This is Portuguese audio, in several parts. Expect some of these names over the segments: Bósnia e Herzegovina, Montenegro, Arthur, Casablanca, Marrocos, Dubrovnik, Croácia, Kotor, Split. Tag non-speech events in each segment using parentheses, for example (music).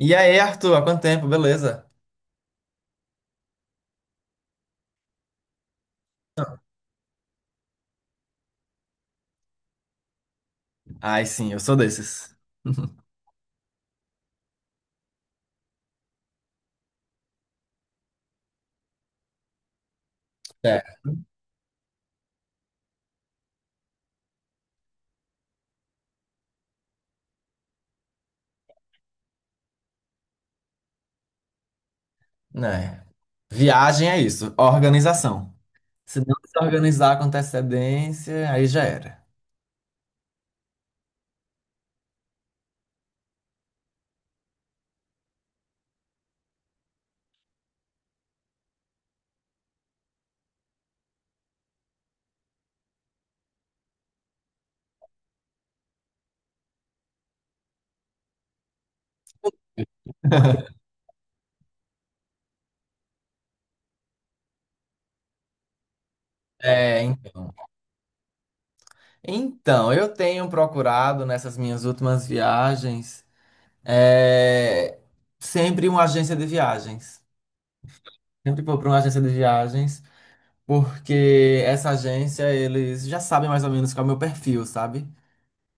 E aí, Arthur, há quanto tempo, beleza? Ai, sim, eu sou desses. (laughs) É, né? Viagem é isso, organização. Se não se organizar com antecedência, aí já era. É, en- então, eu tenho procurado nessas minhas últimas viagens é, sempre uma agência de viagens. Sempre vou para uma agência de viagens, porque essa agência, eles já sabem mais ou menos qual é o meu perfil, sabe?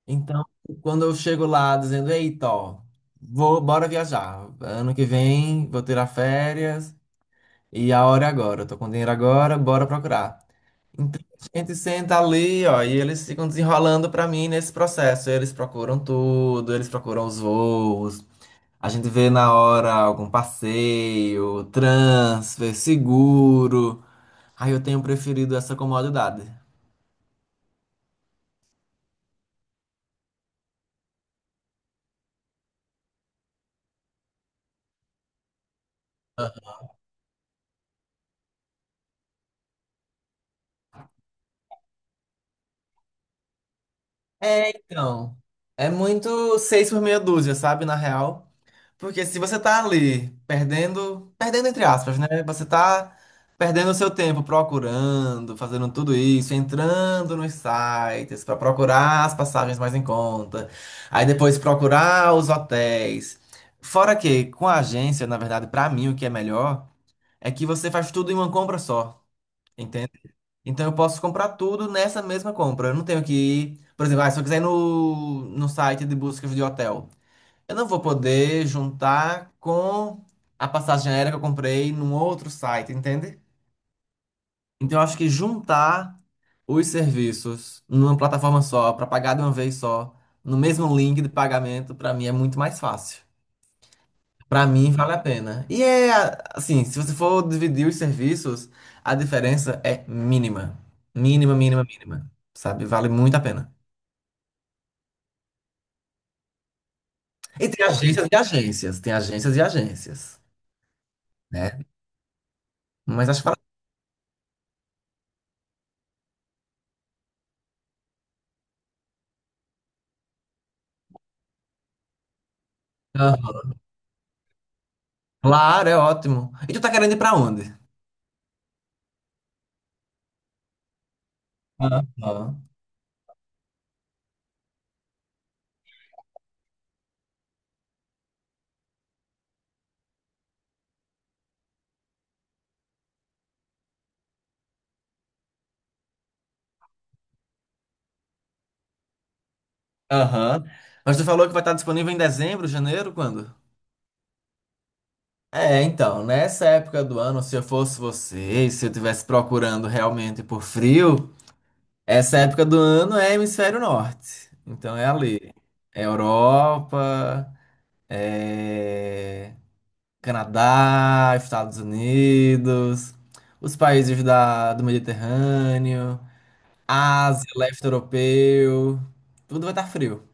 Então, quando eu chego lá dizendo, eita, ó, vou, bora viajar. Ano que vem vou tirar férias e a hora é agora. Eu tô com dinheiro agora, bora procurar. Então, a gente senta ali, ó, e eles ficam desenrolando pra mim nesse processo. Eles procuram tudo, eles procuram os voos. A gente vê na hora algum passeio, transfer, seguro. Aí eu tenho preferido essa comodidade. É, então, é muito seis por meia dúzia, sabe, na real. Porque se você tá ali perdendo, perdendo entre aspas, né? Você tá perdendo o seu tempo procurando, fazendo tudo isso, entrando nos sites pra procurar as passagens mais em conta, aí depois procurar os hotéis. Fora que com a agência, na verdade, pra mim o que é melhor é que você faz tudo em uma compra só, entende? Então eu posso comprar tudo nessa mesma compra. Eu não tenho que ir, por exemplo, ah, se eu quiser ir no site de buscas de hotel. Eu não vou poder juntar com a passagem aérea que eu comprei num outro site, entende? Então eu acho que juntar os serviços numa plataforma só, para pagar de uma vez só, no mesmo link de pagamento, para mim é muito mais fácil. Para mim vale a pena. E é assim, se você for dividir os serviços, a diferença é mínima. Mínima, mínima, mínima. Sabe? Vale muito a pena. E tem agências e agências, né? Mas acho que vale. Claro, é ótimo. E tu tá querendo ir pra onde? Aham. Aham. Mas tu falou que vai estar disponível em dezembro, janeiro, quando? É, então, nessa época do ano, se eu fosse você, e se eu estivesse procurando realmente por frio, essa época do ano é hemisfério norte. Então é ali. É Europa, é Canadá, Estados Unidos, os países da, do Mediterrâneo. Ásia, leste europeu, tudo vai estar frio.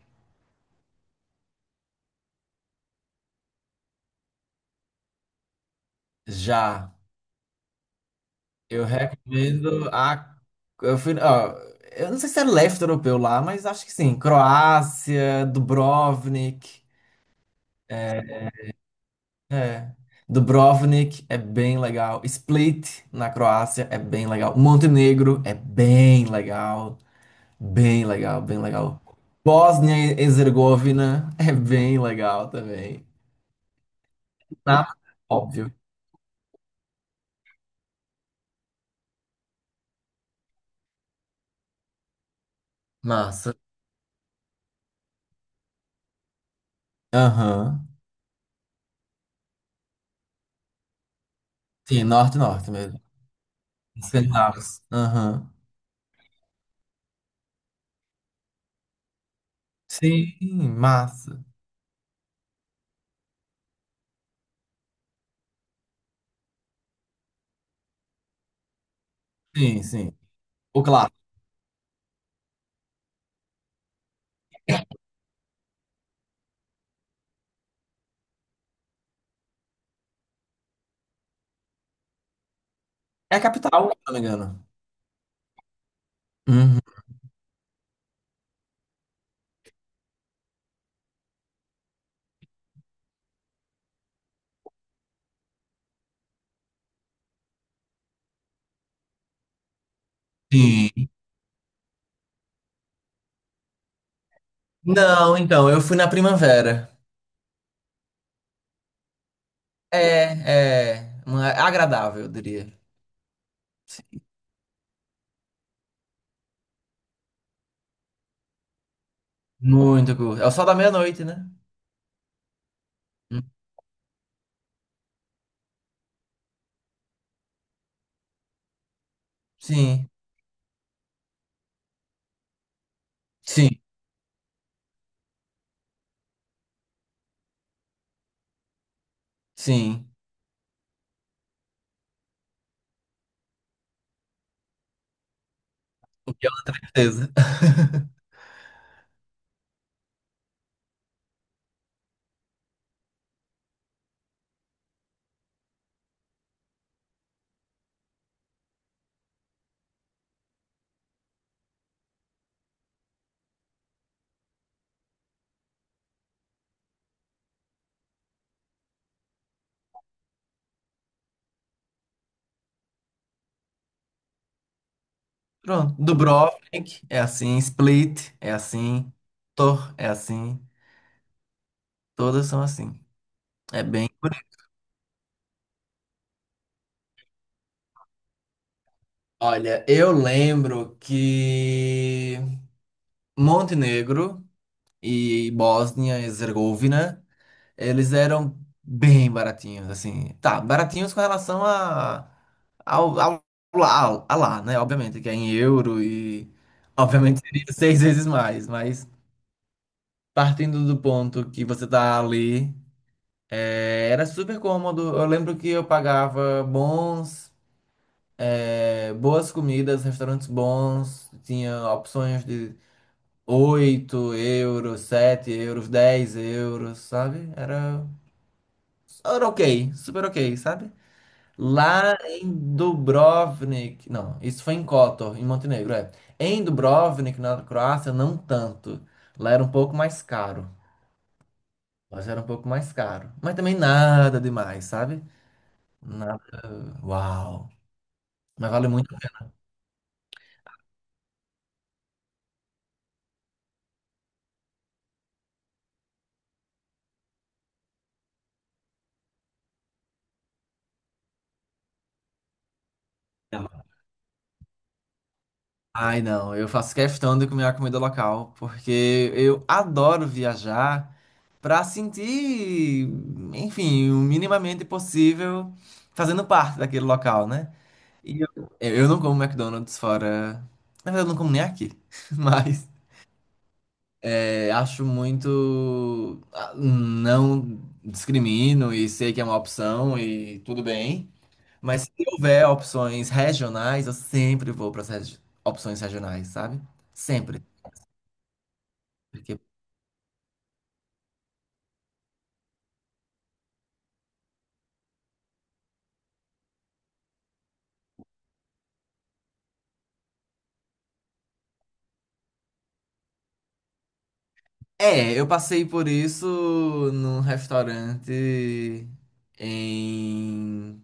Já, eu recomendo a. Eu, fui, ó, eu não sei se é leste europeu lá, mas acho que sim. Croácia, Dubrovnik. É. Dubrovnik é bem legal. Split, na Croácia, é bem legal. Montenegro é bem legal. Bem legal, bem legal. Bósnia e Herzegovina é bem legal também. Tá? Óbvio. Massa. Aham. Sim, norte-norte mesmo. Escandinavos. Aham. Sim, massa. Sim, sim. O clássico. É a capital, se não me engano. Uhum. Sim. Não, então, eu fui na primavera. É, é, uma- é agradável, eu diria. Sim, muito gostoso. É o sol da meia-noite, né? Hum, sim, sim, sim. O que é uma tristeza. (laughs) Pronto. Dubrovnik é assim, Split é assim, Tor é assim, todas são assim. É bem. Olha, eu lembro que Montenegro e Bósnia e Herzegovina, eles eram bem baratinhos, assim. Tá, baratinhos com relação a, ao lá, a lá, né? Obviamente, que é em euro e obviamente seria (laughs) seis vezes mais, mas partindo do ponto que você tá ali, era super cômodo. Eu lembro que eu pagava bons, boas comidas, restaurantes bons, tinha opções de 8 euros, 7 euros, 10 euros, sabe? Era ok, super ok, sabe? Lá em Dubrovnik, não, isso foi em Kotor, em Montenegro, é. Em Dubrovnik, na Croácia, não tanto. Lá era um pouco mais caro. Lá já era um pouco mais caro. Mas também nada demais, sabe? Nada. Uau! Mas vale muito a pena. Ai, não, eu faço questão de comer a comida local, porque eu adoro viajar. Para sentir, enfim, o minimamente possível fazendo parte daquele local, né? E eu não como McDonald's fora. Na verdade, eu não como nem aqui. (laughs) Mas acho muito. Ah, não discrimino e sei que é uma opção e tudo bem. Mas se houver opções regionais, eu sempre vou para as opções regionais, sabe? Sempre. Porque é, eu passei por isso num restaurante em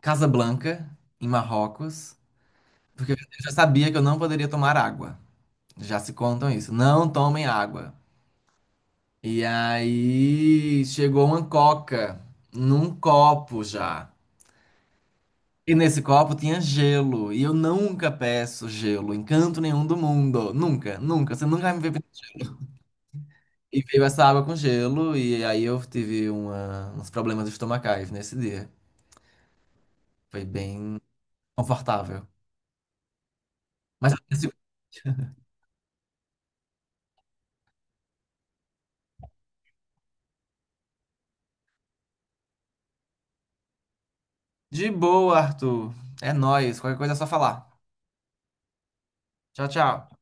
Casablanca, em Marrocos, porque eu já sabia que eu não poderia tomar água. Já se contam isso, não tomem água. E aí chegou uma coca num copo já. E nesse copo tinha gelo, e eu nunca peço gelo em canto nenhum do mundo, nunca, nunca, você nunca vai me ver. E veio essa água com gelo, e aí eu tive uns problemas estomacais nesse dia. Foi bem confortável. Mas assim, de boa, Arthur. É nóis. Qualquer coisa é só falar. Tchau, tchau.